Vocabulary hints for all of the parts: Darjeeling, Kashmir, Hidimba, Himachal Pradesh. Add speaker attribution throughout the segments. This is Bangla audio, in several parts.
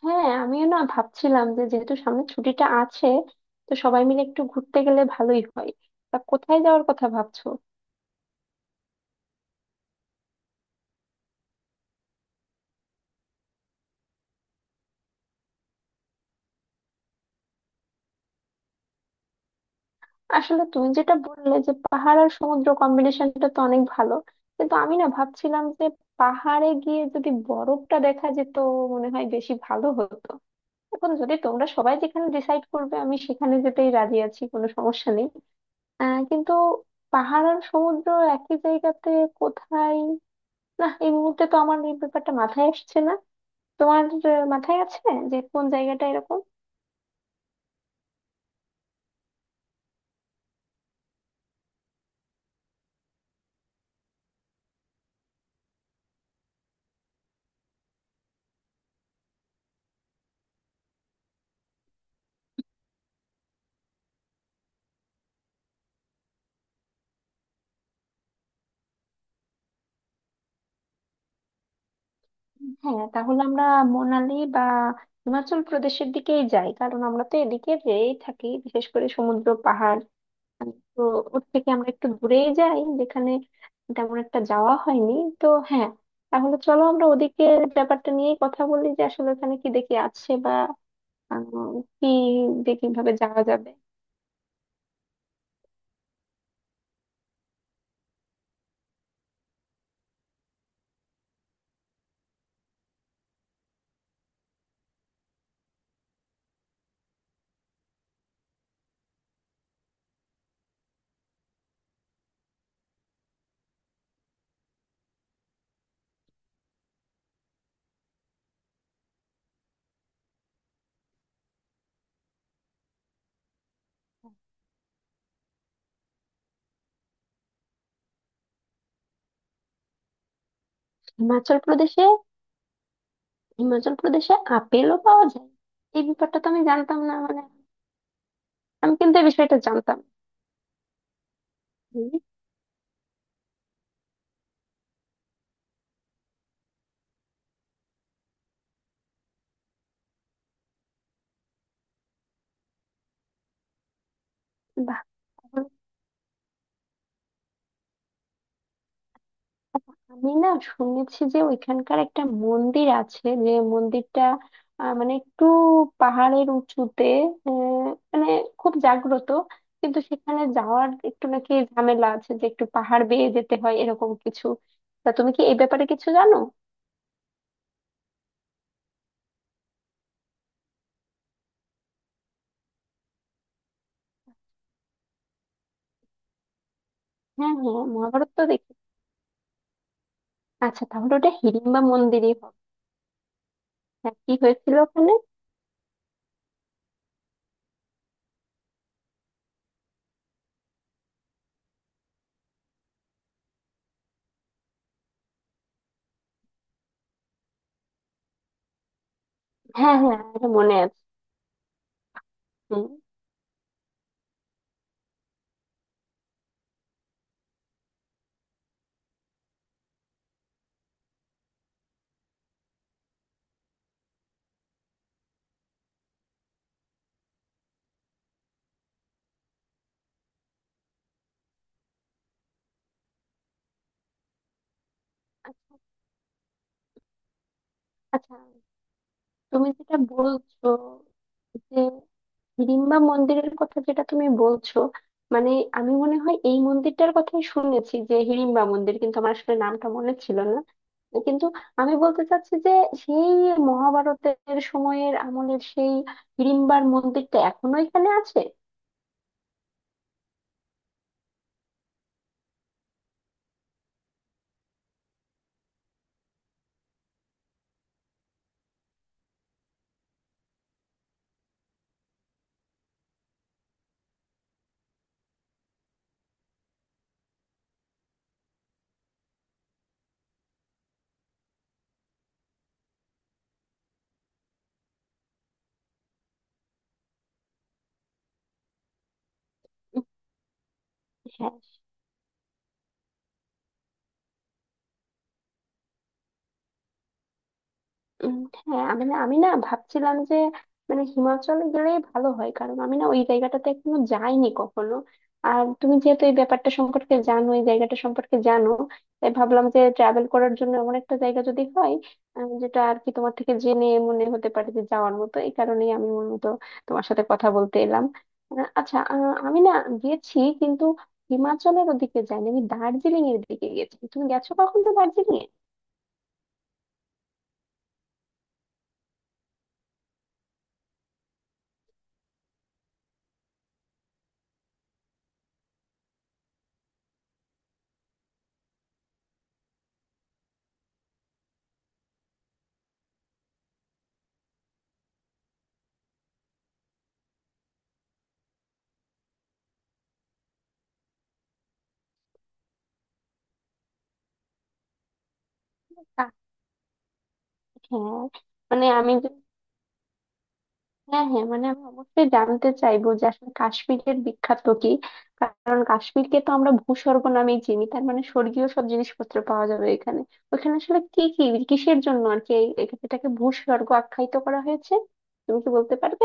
Speaker 1: হ্যাঁ, আমিও না ভাবছিলাম যে যেহেতু সামনে ছুটিটা আছে, তো সবাই মিলে একটু ঘুরতে গেলে ভালোই হয়। তা কোথায় যাওয়ার কথা ভাবছো? আসলে তুমি যেটা বললে যে পাহাড় আর সমুদ্র কম্বিনেশনটা তো অনেক ভালো, কিন্তু আমি না ভাবছিলাম যে পাহাড়ে গিয়ে যদি বরফটা দেখা যেত মনে হয় বেশি ভালো হতো। এখন যদি তোমরা সবাই যেখানে ডিসাইড করবে আমি সেখানে যেতেই রাজি আছি, কোনো সমস্যা নেই। কিন্তু পাহাড় আর সমুদ্র একই জায়গাতে কোথায়? না, এই মুহূর্তে তো আমার এই ব্যাপারটা মাথায় আসছে না। তোমার মাথায় আছে যে কোন জায়গাটা এরকম? হ্যাঁ, তাহলে আমরা মোনালি বা হিমাচল প্রদেশের দিকেই যাই, কারণ আমরা তো এদিকে যেয়েই থাকি বিশেষ করে সমুদ্র পাহাড়। তো ওর থেকে আমরা একটু দূরেই যাই যেখানে তেমন একটা যাওয়া হয়নি। তো হ্যাঁ, তাহলে চলো আমরা ওদিকে ব্যাপারটা নিয়েই কথা বলি, যে আসলে ওখানে কি দেখি আছে বা আহ, কি, যে কিভাবে যাওয়া যাবে। হিমাচল প্রদেশে, হিমাচল প্রদেশে আপেলও পাওয়া যায়? এই ব্যাপারটা তো আমি জানতাম না, মানে আমি কিন্তু এই বিষয়টা জানতাম না। হুম। বাহ, তাহলে আমি না শুনেছি যে ওইখানকার একটা মন্দির আছে, যে মন্দিরটা মানে একটু পাহাড়ের উঁচুতে, আহ, মানে খুব জাগ্রত, কিন্তু সেখানে যাওয়ার একটু নাকি ঝামেলা আছে, যে একটু পাহাড় বেয়ে যেতে হয় এরকম কিছু। তা তুমি কি এই ব্যাপারে কিছু জানো? হ্যাঁ হ্যাঁ, মহাভারত তো দেখি। আচ্ছা, তাহলে ওটা হিড়িম্বা মন্দিরই হবে। হ্যাঁ, কি হয়েছিল ওখানে? হ্যাঁ হ্যাঁ, এটা মনে আছে। হুম। আচ্ছা, তুমি যেটা বলছো যে হিড়িম্বা মন্দিরের কথা যেটা তুমি বলছো, মানে আমি মনে হয় এই মন্দিরটার কথাই শুনেছি, যে হিড়িম্বা মন্দির, কিন্তু আমার আসলে নামটা মনে ছিল না। কিন্তু আমি বলতে চাচ্ছি যে সেই মহাভারতের সময়ের আমলের সেই হিড়িম্বার মন্দিরটা এখনো এখানে আছে। হ্যাঁ। উম, হ্যাঁ, আমি না ভাবছিলাম যে মানে হিমাচলে গেলেই ভালো হয়, কারণ আমি না ওই জায়গাটাতে এখনো যাইনি কখনো। আর তুমি যেহেতু এই ব্যাপারটা সম্পর্কে জানো, এই জায়গাটা সম্পর্কে জানো, তাই ভাবলাম যে ট্রাভেল করার জন্য এমন একটা জায়গা যদি হয় যেটা আর কি তোমার থেকে জেনে মনে হতে পারে যে যাওয়ার মতো, এই কারণেই আমি মূলত তোমার সাথে কথা বলতে এলাম। আচ্ছা, আমি না গেছি, কিন্তু হিমাচলের ওদিকে যাইনি, আমি দার্জিলিং এর দিকে গেছি। তুমি গেছো কখনো দার্জিলিং এ? আহ, হ্যাঁ, মানে আমি হ্যাঁ হ্যাঁ, মানে আমি অবশ্যই জানতে চাইবো যে আসলে কাশ্মীরের বিখ্যাত কি, কারণ কাশ্মীরকে তো আমরা ভূস্বর্গ নামেই চিনি, তার মানে স্বর্গীয় সব জিনিসপত্র পাওয়া যাবে এখানে। ওখানে আসলে কি কি, কিসের জন্য আর কি এটাকে ভূস্বর্গ আখ্যায়িত করা হয়েছে? তুমি কি বলতে পারবে?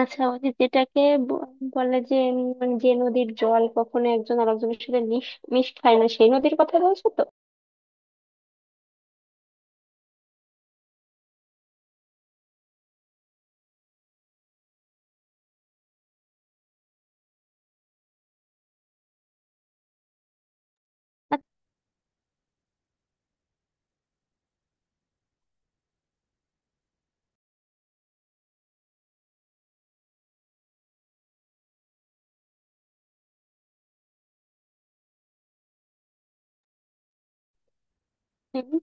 Speaker 1: আচ্ছা, ওই যে যেটাকে ব- বলে, যে মানে যে নদীর জল কখনো একজন আরেকজনের সাথে মিশ মিশ খায় না, সেই নদীর কথা বলছো তো? আচ্ছা।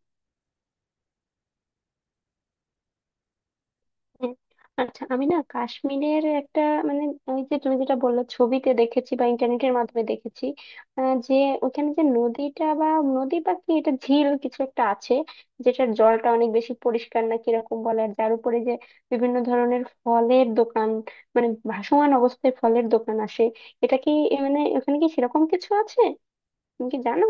Speaker 1: হুম। আচ্ছা, আমি না কাশ্মীরের একটা, মানে ওই যে তুমি যেটা বললে, ছবিতে দেখেছি বা ইন্টারনেটের মাধ্যমে দেখেছি, যে ওখানে যে নদীটা বা নদী বা কি, এটা ঝিল কিছু একটা আছে, যেটার জলটা অনেক বেশি পরিষ্কার না কিরকম বলে, আর যার উপরে যে বিভিন্ন ধরনের ফলের দোকান, মানে ভাসমান অবস্থায় ফলের দোকান আসে, এটা কি এ, মানে ওখানে কি সেরকম কিছু আছে? তুমি কি জানো?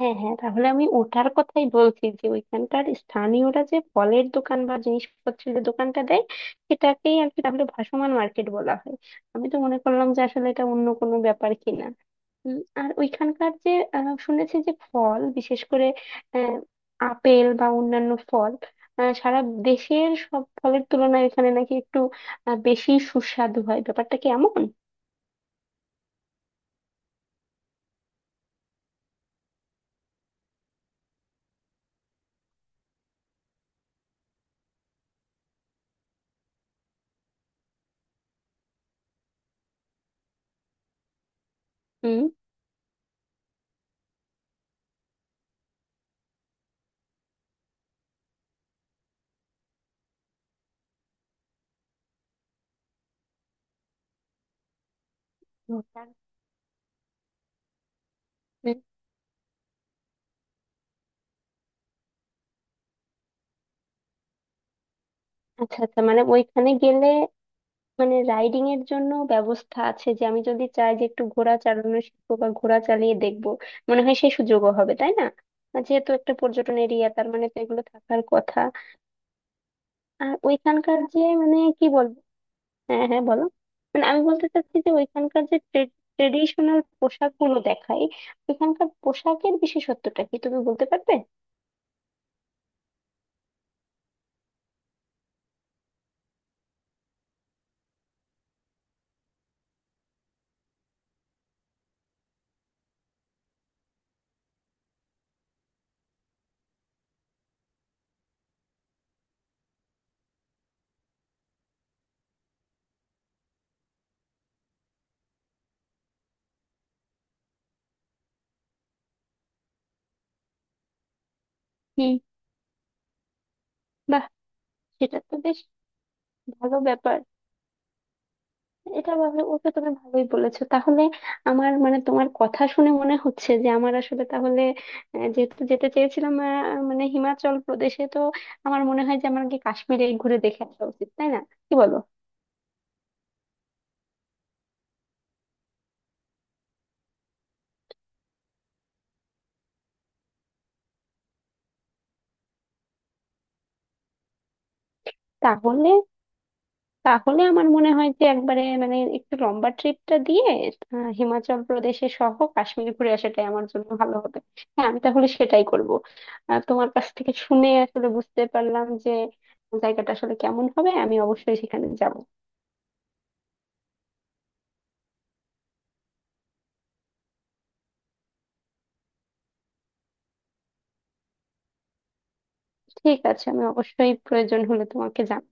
Speaker 1: হ্যাঁ হ্যাঁ, তাহলে আমি ওটার কথাই বলছি, যে ওইখানকার স্থানীয়রা যে ফলের দোকান বা জিনিসপত্রের যে দোকানটা দেয়, সেটাকেই আর কি তাহলে ভাসমান মার্কেট বলা হয়। আমি তো মনে করলাম যে আসলে এটা অন্য কোনো ব্যাপার কিনা। আর ওইখানকার যে শুনেছি যে ফল বিশেষ করে আহ, আপেল বা অন্যান্য ফল সারা দেশের সব ফলের তুলনায় এখানে নাকি একটু বেশি সুস্বাদু হয়, ব্যাপারটা কি এমন? হুম। হুম। হুম। আচ্ছা আচ্ছা, মানে ওইখানে গেলে মানে রাইডিং এর জন্য ব্যবস্থা আছে, যে আমি যদি চাই যে একটু ঘোড়া চালানো শিখবো বা ঘোড়া চালিয়ে দেখবো, মনে হয় সেই সুযোগও হবে, তাই না? আর যেহেতু একটা পর্যটন এরিয়া, তার মানে তো এগুলো থাকার কথা। আর ওইখানকার যে মানে কি বলবো। হ্যাঁ হ্যাঁ, বলো। মানে আমি বলতে চাচ্ছি যে ওইখানকার যে ট্রেডিশনাল পোশাক গুলো দেখায়, ওইখানকার পোশাকের বিশেষত্বটা কি তুমি বলতে পারবে? হুম। বাহ, সেটা তো বেশ ভালো ব্যাপার। এটা ভাবে ওকে, তুমি ভালোই বলেছো তাহলে। আমার মানে তোমার কথা শুনে মনে হচ্ছে যে আমার আসলে তাহলে যেহেতু যেতে চেয়েছিলাম, মানে হিমাচল প্রদেশে, তো আমার মনে হয় যে আমাকে কাশ্মীরে ঘুরে দেখে আসা উচিত, তাই না? কি বলো? তাহলে, তাহলে আমার মনে হয় যে একবারে মানে একটু লম্বা ট্রিপটা দিয়ে হিমাচল প্রদেশে সহ কাশ্মীর ঘুরে আসাটাই আমার জন্য ভালো হবে। হ্যাঁ, আমি তাহলে সেটাই করব। তোমার কাছ থেকে শুনে আসলে বুঝতে পারলাম যে জায়গাটা আসলে কেমন হবে, আমি অবশ্যই সেখানে যাব। ঠিক আছে, আমি অবশ্যই প্রয়োজন হলে তোমাকে জানাবো।